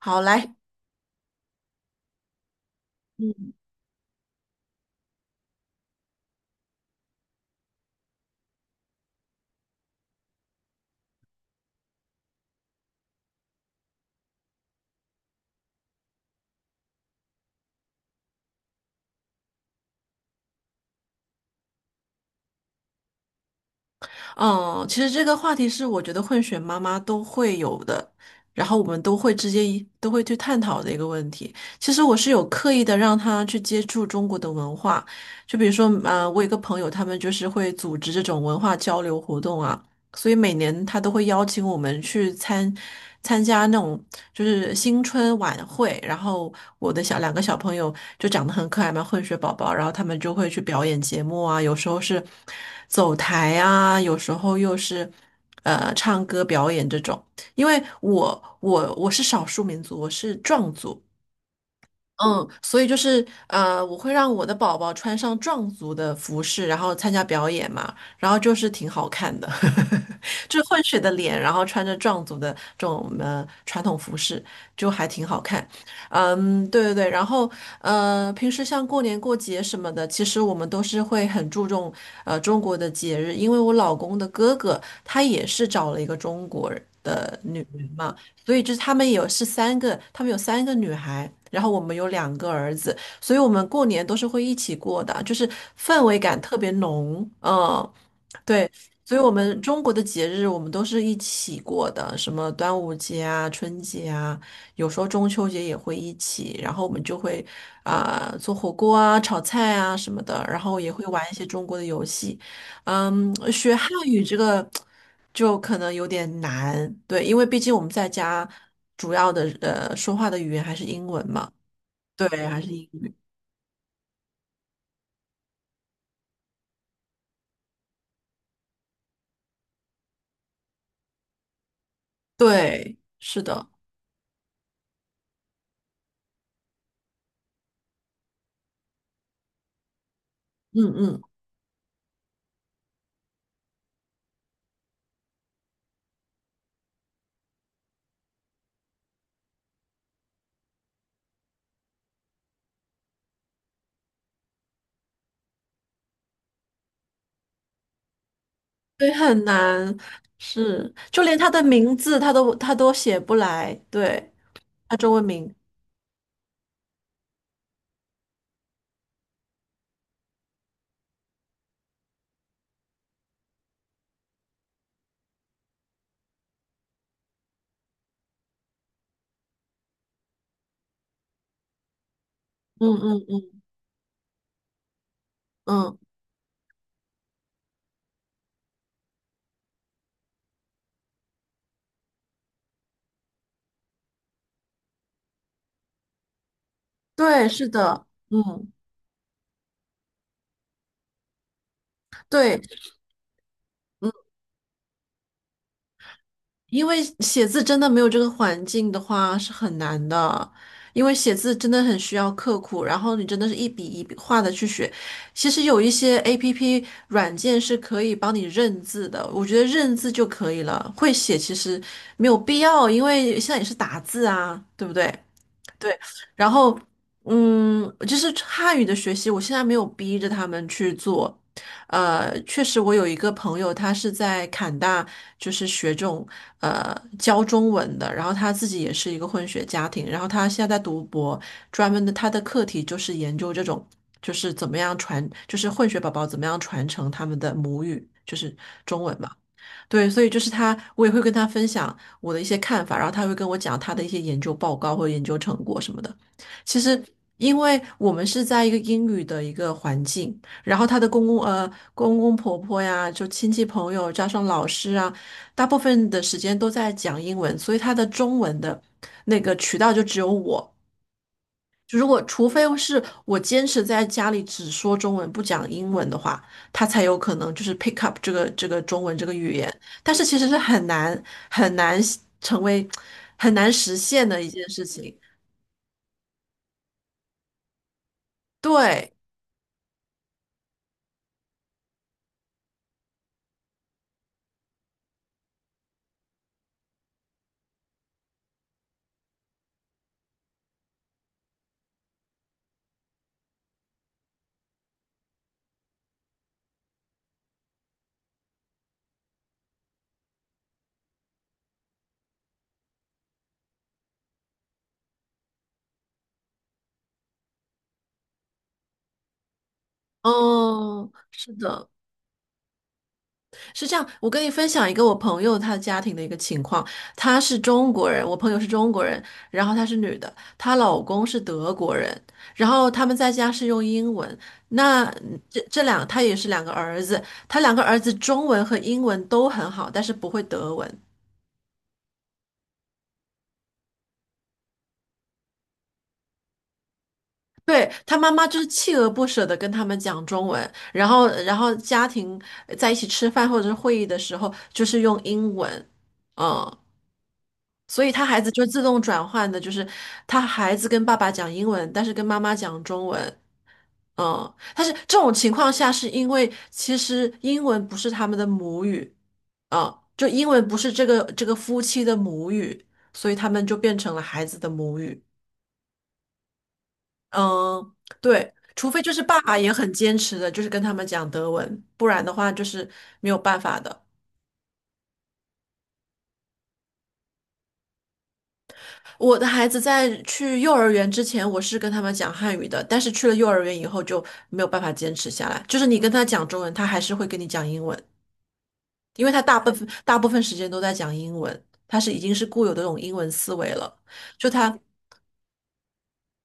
好，来，嗯，嗯，其实这个话题是我觉得混血妈妈都会有的，然后我们都会去探讨的一个问题。其实我是有刻意的让她去接触中国的文化，就比如说，嗯，我有一个朋友，他们就是会组织这种文化交流活动啊，所以每年他都会邀请我们去参加那种就是新春晚会，然后我的两个小朋友就长得很可爱嘛，混血宝宝，然后他们就会去表演节目啊，有时候是走台啊，有时候又是唱歌表演这种。因为我是少数民族，我是壮族，嗯，所以我会让我的宝宝穿上壮族的服饰，然后参加表演嘛，然后就是挺好看的，就混血的脸，然后穿着壮族的这种传统服饰，就还挺好看。嗯，对对对，然后呃，平时像过年过节什么的，其实我们都是会很注重中国的节日，因为我老公的哥哥他也是找了一个中国人的女人嘛。所以就是他们有三个女孩，然后我们有两个儿子，所以我们过年都是会一起过的，就是氛围感特别浓。嗯，对，所以我们中国的节日我们都是一起过的，什么端午节啊、春节啊，有时候中秋节也会一起，然后我们就会啊、做火锅啊、炒菜啊什么的，然后也会玩一些中国的游戏。嗯，学汉语这个就可能有点难，对，因为毕竟我们在家主要的说话的语言还是英文嘛，对，还是英语，对，是的，嗯嗯。对，很难，是，就连他的名字他都写不来，对，他中文名，嗯嗯嗯嗯，对，是的，嗯，对，嗯，因为写字真的没有这个环境的话是很难的，因为写字真的很需要刻苦，然后你真的是一笔一笔画的去学。其实有一些 APP 软件是可以帮你认字的，我觉得认字就可以了，会写其实没有必要，因为现在也是打字啊，对不对？对，然后嗯，就是汉语的学习，我现在没有逼着他们去做。呃，确实，我有一个朋友，他是在坎大，就是学这种教中文的，然后他自己也是一个混血家庭，然后他现在在读博，专门的他的课题就是研究这种，就是怎么样传，就是混血宝宝怎么样传承他们的母语，就是中文嘛。对，所以就是他，我也会跟他分享我的一些看法，然后他会跟我讲他的一些研究报告或研究成果什么的。其实，因为我们是在一个英语的一个环境，然后他的公公婆婆呀，就亲戚朋友加上老师啊，大部分的时间都在讲英文，所以他的中文的那个渠道就只有我。就如果除非是我坚持在家里只说中文不讲英文的话，他才有可能就是 pick up 这个中文这个语言。但是其实是很难成为很难实现的一件事情。对，嗯，是的。是这样，我跟你分享一个我朋友她家庭的一个情况，她是中国人，我朋友是中国人，然后她是女的，她老公是德国人，然后他们在家是用英文。那嗯这这两，她也是两个儿子，她两个儿子中文和英文都很好，但是不会德文。对，她妈妈就是锲而不舍的跟他们讲中文，然后家庭在一起吃饭或者是会议的时候，就是用英文。嗯，所以他孩子就自动转换的，就是他孩子跟爸爸讲英文，但是跟妈妈讲中文。嗯，但是这种情况下，是因为其实英文不是他们的母语，嗯，就英文不是这个夫妻的母语，所以他们就变成了孩子的母语。嗯，对，除非就是爸爸也很坚持的，就是跟他们讲德文，不然的话就是没有办法的。我的孩子在去幼儿园之前，我是跟他们讲汉语的，但是去了幼儿园以后就没有办法坚持下来。就是你跟他讲中文，他还是会跟你讲英文，因为他大部分时间都在讲英文，他是已经是固有的这种英文思维了。就他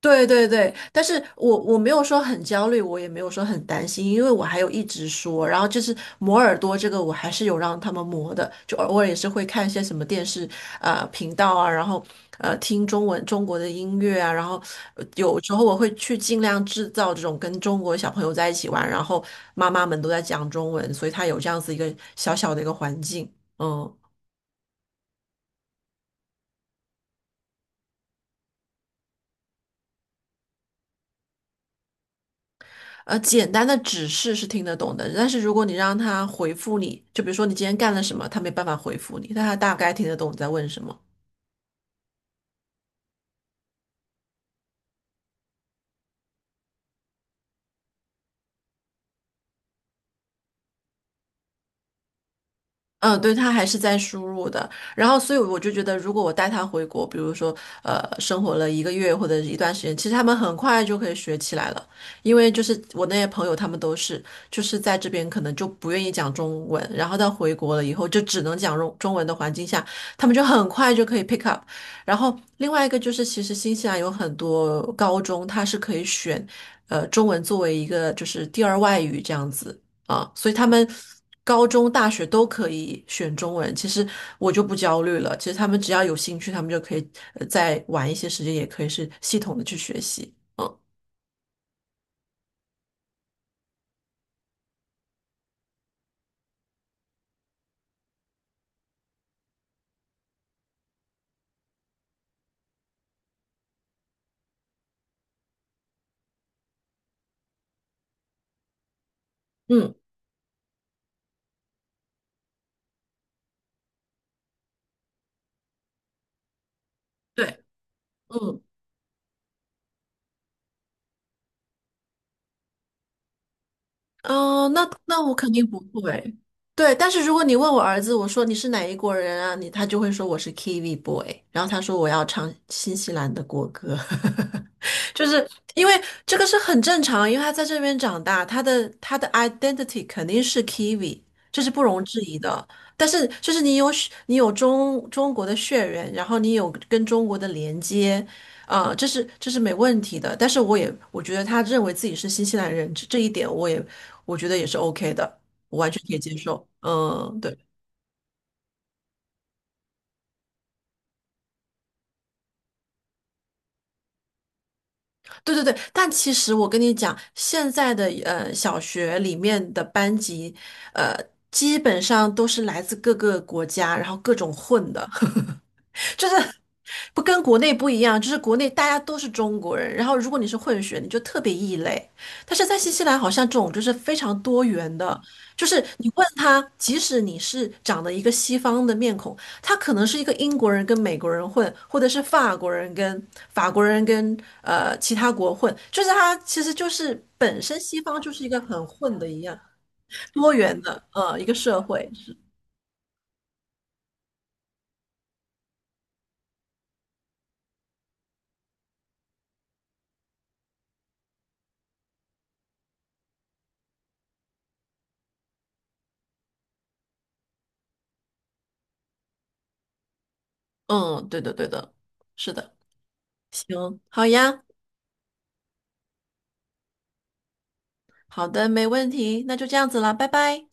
对对对，但是我没有说很焦虑，我也没有说很担心，因为我还有一直说，然后就是磨耳朵这个我还是有让他们磨的，就偶尔也是会看一些什么电视频道啊，然后听中文中国的音乐啊，然后有时候我会去尽量制造这种跟中国小朋友在一起玩，然后妈妈们都在讲中文，所以他有这样子一个小小的一个环境，嗯。呃，简单的指示是听得懂的，但是如果你让他回复你，就比如说你今天干了什么，他没办法回复你，但他大概听得懂你在问什么。嗯，对，他还是在输入的。然后，所以我就觉得，如果我带他回国，比如说，呃，生活了一个月或者是一段时间，其实他们很快就可以学起来了。因为就是我那些朋友，他们都是就是在这边可能就不愿意讲中文，然后到回国了以后就只能讲中文的环境下，他们就很快就可以 pick up。然后另外一个就是，其实新西兰有很多高中，它是可以选，呃，中文作为一个就是第二外语这样子。啊，所以他们高中、大学都可以选中文。其实我就不焦虑了，其实他们只要有兴趣，他们就可以再晚一些时间，也可以是系统的去学习。嗯嗯对，嗯嗯，那我肯定不会。对，但是如果你问我儿子，我说你是哪一国人啊？你他就会说我是 Kiwi boy，然后他说我要唱新西兰的国歌。就是因为这个是很正常，因为他在这边长大，他的 identity 肯定是 Kiwi，这是不容置疑的。但是就是你有中国的血缘，然后你有跟中国的连接，呃，这是没问题的。但是我觉得他认为自己是新西兰人，这一点我觉得也是 OK 的，我完全可以接受。嗯，对。对对对，但其实我跟你讲，现在的小学里面的班级，呃，基本上都是来自各个国家，然后各种混的，就是不跟国内不一样，就是国内大家都是中国人，然后如果你是混血，你就特别异类。但是在新西兰，好像这种就是非常多元的，就是你问他，即使你是长得一个西方的面孔，他可能是一个英国人跟美国人混，或者是法国人跟其他国混，就是他其实就是本身西方就是一个很混的一样多元的一个社会。嗯，对的对的，是的，行，好呀。好的，没问题，那就这样子啦，拜拜。